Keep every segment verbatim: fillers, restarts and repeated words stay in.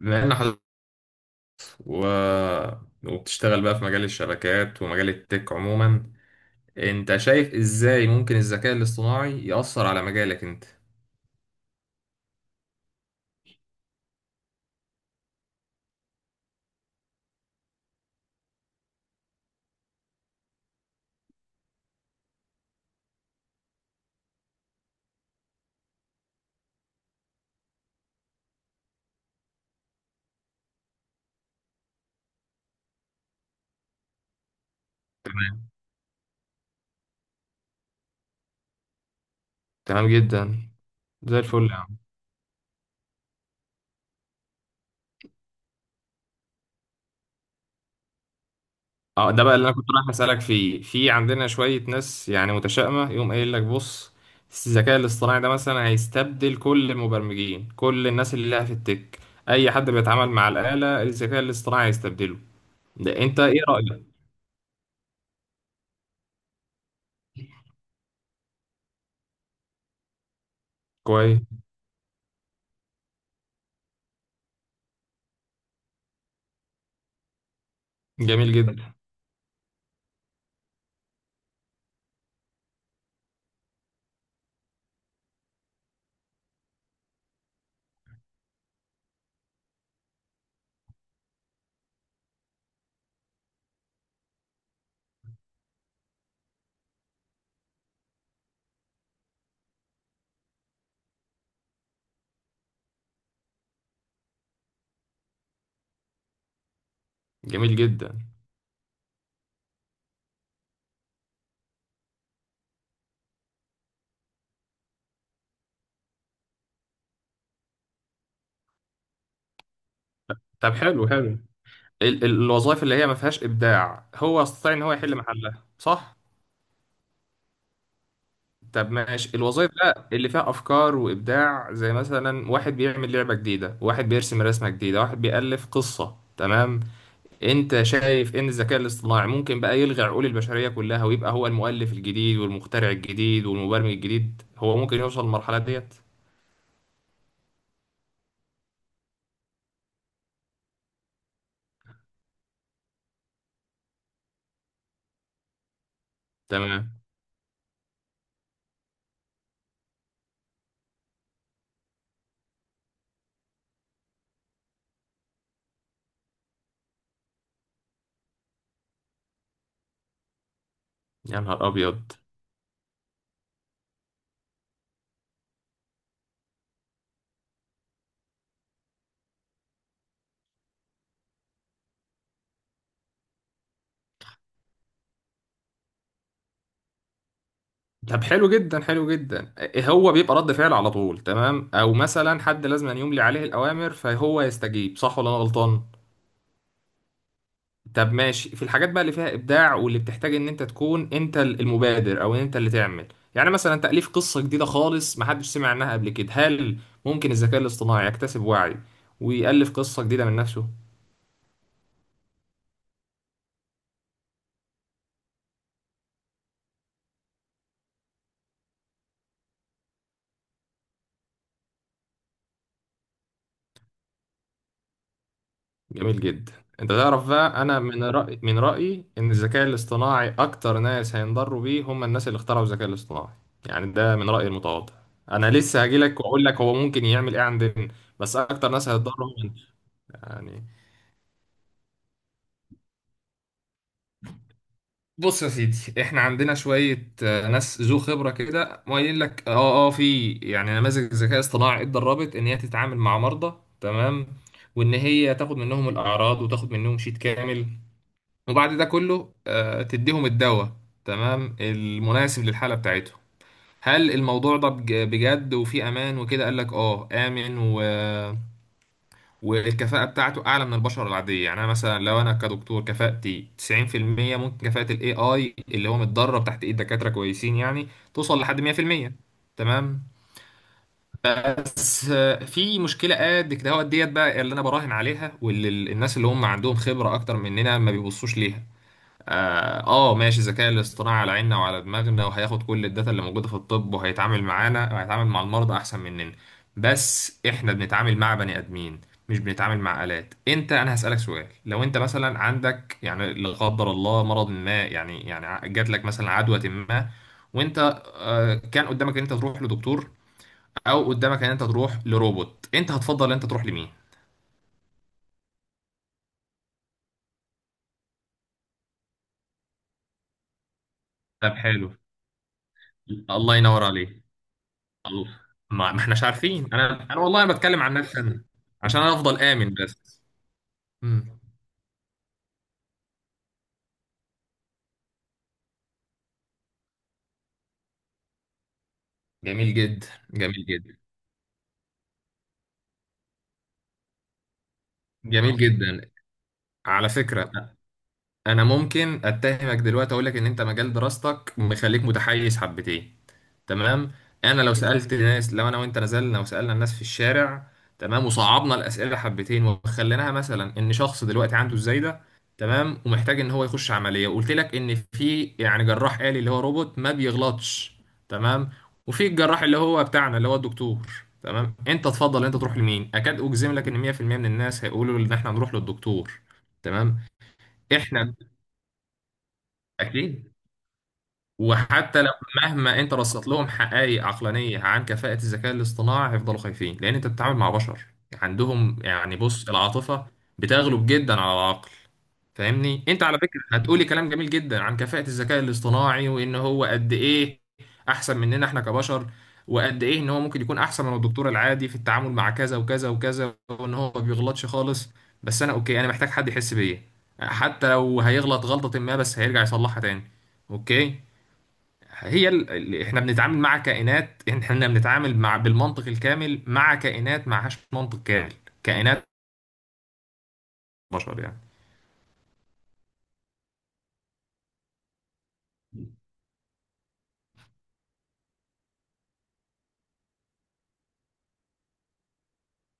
بما ان حضرتك و... وبتشتغل بقى في مجال الشبكات ومجال التك عموما، انت شايف ازاي ممكن الذكاء الاصطناعي يأثر على مجالك انت؟ تمام، تمام جدا، زي الفل يا عم. اه، ده بقى اللي انا كنت رايح اسالك فيه. في عندنا شويه ناس يعني متشائمه يقوم قايل لك: بص، الذكاء الاصطناعي ده مثلا هيستبدل كل المبرمجين، كل الناس اللي لها في التك، اي حد بيتعامل مع الاله الذكاء الاصطناعي هيستبدله. ده انت ايه رايك؟ كويس. جميل جدا، جميل جدا. طب حلو، حلو. ال- ال- الوظائف اللي هي ما فيهاش ابداع هو يستطيع ان هو يحل محلها، صح؟ طب ماشي، الوظائف بقى اللي فيها افكار وابداع، زي مثلا واحد بيعمل لعبه جديده، واحد بيرسم رسمه جديده، واحد بيالف قصه، تمام. انت شايف ان الذكاء الاصطناعي ممكن بقى يلغي عقول البشريه كلها ويبقى هو المؤلف الجديد والمخترع الجديد والمبرمج الجديد، هو ممكن يوصل للمرحله ديت؟ تمام. يا نهار ابيض. طب حلو جدا، حلو جدا. إيه، هو بيبقى رد فعل على طول، تمام، او مثلا حد لازم أن يملي عليه الاوامر فهو يستجيب، صح ولا انا غلطان؟ طب ماشي، في الحاجات بقى اللي فيها ابداع واللي بتحتاج ان انت تكون انت المبادر او ان انت اللي تعمل، يعني مثلا تاليف قصه جديده خالص محدش سمع عنها قبل كده. هل ممكن الذكاء الاصطناعي يكتسب وعي ويالف قصه جديده من نفسه؟ جميل جدا. انت تعرف بقى، انا من رأي من رأيي ان الذكاء الاصطناعي اكتر ناس هينضروا بيه هم الناس اللي اخترعوا الذكاء الاصطناعي. يعني ده من رأيي المتواضع. انا لسه هجيلك واقول لك هو ممكن يعمل ايه عندنا، بس اكتر ناس هيتضروا هم يعني. بص يا سيدي، احنا عندنا شوية آه، ناس ذو خبرة كده قايلين لك: اه، اه، في يعني نماذج ذكاء اصطناعي اتدربت ان هي تتعامل مع مرضى، تمام، وان هي تاخد منهم الاعراض وتاخد منهم شيت كامل، وبعد ده كله آه، تديهم الدواء تمام المناسب للحالة بتاعتهم. هل الموضوع ده بج- بجد وفي امان وكده؟ قال لك اه، امن و... والكفاءة بتاعته اعلى من البشر العادية. يعني انا مثلا لو انا كدكتور كفاءتي تسعين في المية، ممكن كفاءة الاي اي اللي هو متدرب تحت ايد دكاترة كويسين يعني توصل لحد مية في المية، تمام. بس آه، في مشكله قد كده، هو ديت بقى اللي انا براهن عليها واللي ال- الناس اللي هم عندهم خبره اكتر مننا ما بيبصوش ليها. اه، آه، ماشي، الذكاء الاصطناعي على عيننا وعلى دماغنا وهياخد كل الداتا اللي موجوده في الطب وهيتعامل معانا وهيتعامل مع المرضى احسن مننا، بس احنا بنتعامل مع بني ادمين، مش بنتعامل مع آلات. انت، انا هسألك سؤال: لو انت مثلا عندك يعني لا قدر الله مرض ما، يعني يعني ع- جات لك مثلا عدوى ما، وانت آه، كان قدامك ان انت تروح لدكتور او قدامك ان انت تروح لروبوت، انت هتفضل ان انت تروح لمين؟ طب حلو. الله ينور عليك. الله. ما ما احناش عارفين. انا انا، والله انا بتكلم عن نفسي انا، عشان انا افضل امن بس. مم. جميل جدا، جميل جدا، جميل جدا. على فكرة، انا ممكن اتهمك دلوقتي اقول لك ان انت مجال دراستك مخليك متحيز حبتين، تمام. انا لو سالت الناس، لو انا وانت نزلنا وسالنا الناس في الشارع، تمام، وصعبنا الاسئله حبتين وخليناها مثلا ان شخص دلوقتي عنده الزايده، تمام، ومحتاج ان هو يخش عمليه، وقلت لك ان في يعني جراح آلي اللي هو روبوت ما بيغلطش، تمام، وفي الجراح اللي هو بتاعنا اللي هو الدكتور، تمام، انت تفضل انت تروح لمين؟ اكاد اجزم لك ان مية في المية من الناس هيقولوا ان احنا هنروح للدكتور، تمام. احنا. اكيد. وحتى لو مهما انت رصدت لهم حقائق عقلانيه عن كفاءه الذكاء الاصطناعي، هيفضلوا خايفين، لان انت بتتعامل مع بشر عندهم يعني، بص، العاطفه بتغلب جدا على العقل. فاهمني، انت على فكره هتقولي كلام جميل جدا عن كفاءه الذكاء الاصطناعي وان هو قد ايه احسن مننا احنا كبشر، وقد ايه ان هو ممكن يكون احسن من الدكتور العادي في التعامل مع كذا وكذا وكذا، وان هو ما بيغلطش خالص. بس انا، اوكي، انا محتاج حد يحس بيا، حتى لو هيغلط غلطه ما بس هيرجع يصلحها تاني. اوكي. هي ال... ال- احنا بنتعامل مع كائنات، احنا بنتعامل مع بالمنطق الكامل مع كائنات معهاش منطق كامل. كائنات، بشر يعني.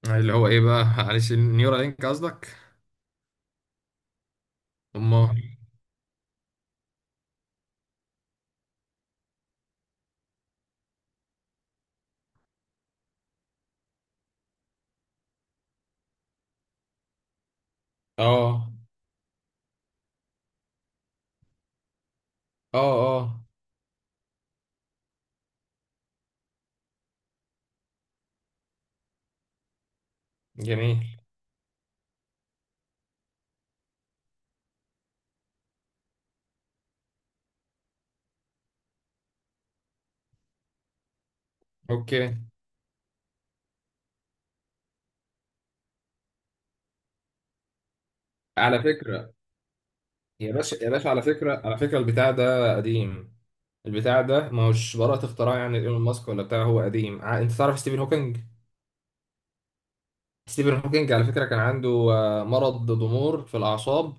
اللي هو ايه بقى، معلش، نيورالينك قصدك؟ امال. اه، اه، اه. جميل. اوكي. على فكرة يا باشا، يا باشا، على فكرة، على فكرة، البتاع ده قديم. البتاع ده ما هوش براءة اختراع يعني ايلون ماسك ولا بتاع. هو قديم. ع- انت تعرف ستيفن هوكينج؟ ستيفن هوكينج على فكرة كان عنده آه، مرض ضمور في الأعصاب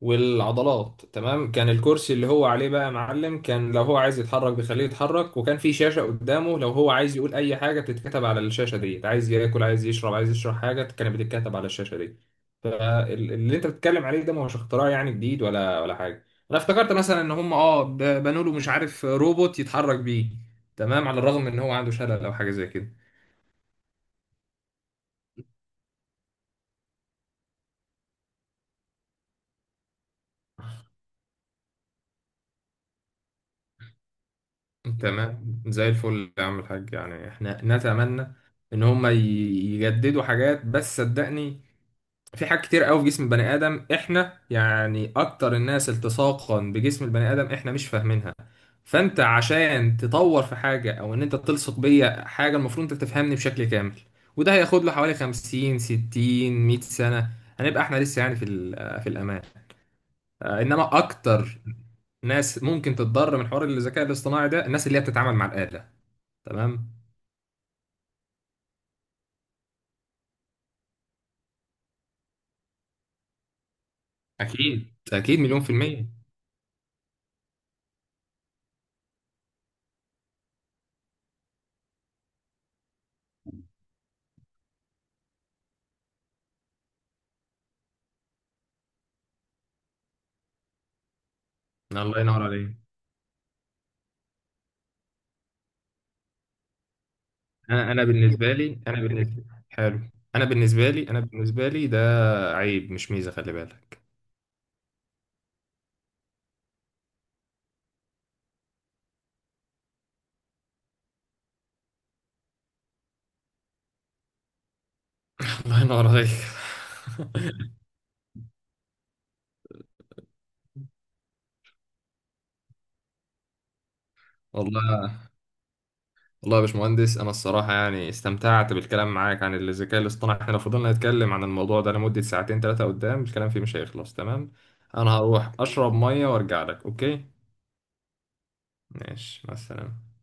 والعضلات، تمام. كان الكرسي اللي هو عليه بقى يا معلم، كان لو هو عايز يتحرك بيخليه يتحرك، وكان في شاشة قدامه لو هو عايز يقول أي حاجة بتتكتب على الشاشة دي. عايز ياكل، عايز يشرب، عايز يشرب حاجة، كانت بتتكتب على الشاشة دي. فاللي انت بتتكلم عليه ده ما هوش اختراع يعني جديد ولا ولا حاجة. انا افتكرت مثلا ان هم اه ب- بنوا له مش عارف روبوت يتحرك بيه، تمام، على الرغم ان هو عنده شلل او حاجة زي كده. تمام، زي الفل يا عم الحاج، يعني احنا نتمنى ان هم ي- يجددوا حاجات، بس صدقني في حاجات كتير قوي في جسم البني ادم احنا، يعني اكتر الناس التصاقا بجسم البني ادم احنا مش فاهمينها. فانت عشان تطور في حاجه او ان انت تلصق بيا حاجه، المفروض انت تفهمني بشكل كامل، وده هياخد له حوالي خمسين ستين مئة سنه. هنبقى احنا لسه يعني في ال- في الامان، آه، انما اكتر ناس ممكن تتضرر من حوار الذكاء الاصطناعي ده الناس اللي هي بتتعامل مع الاله، تمام. اكيد، اكيد، مليون في الميه. الله ينور عليك. انا انا بالنسبه لي، انا بالنسبه، حلو، انا بالنسبه لي انا بالنسبه لي ده عيب مش ميزه، خلي بالك. الله ينور عليك. والله، والله يا باشمهندس، انا الصراحه يعني استمتعت بالكلام معاك عن الذكاء الاصطناعي. احنا لو فضلنا نتكلم عن الموضوع ده لمده ساعتين ثلاثه قدام الكلام فيه مش هيخلص، تمام. انا هروح اشرب ميه وارجع لك، اوكي؟ ماشي، مع السلامه.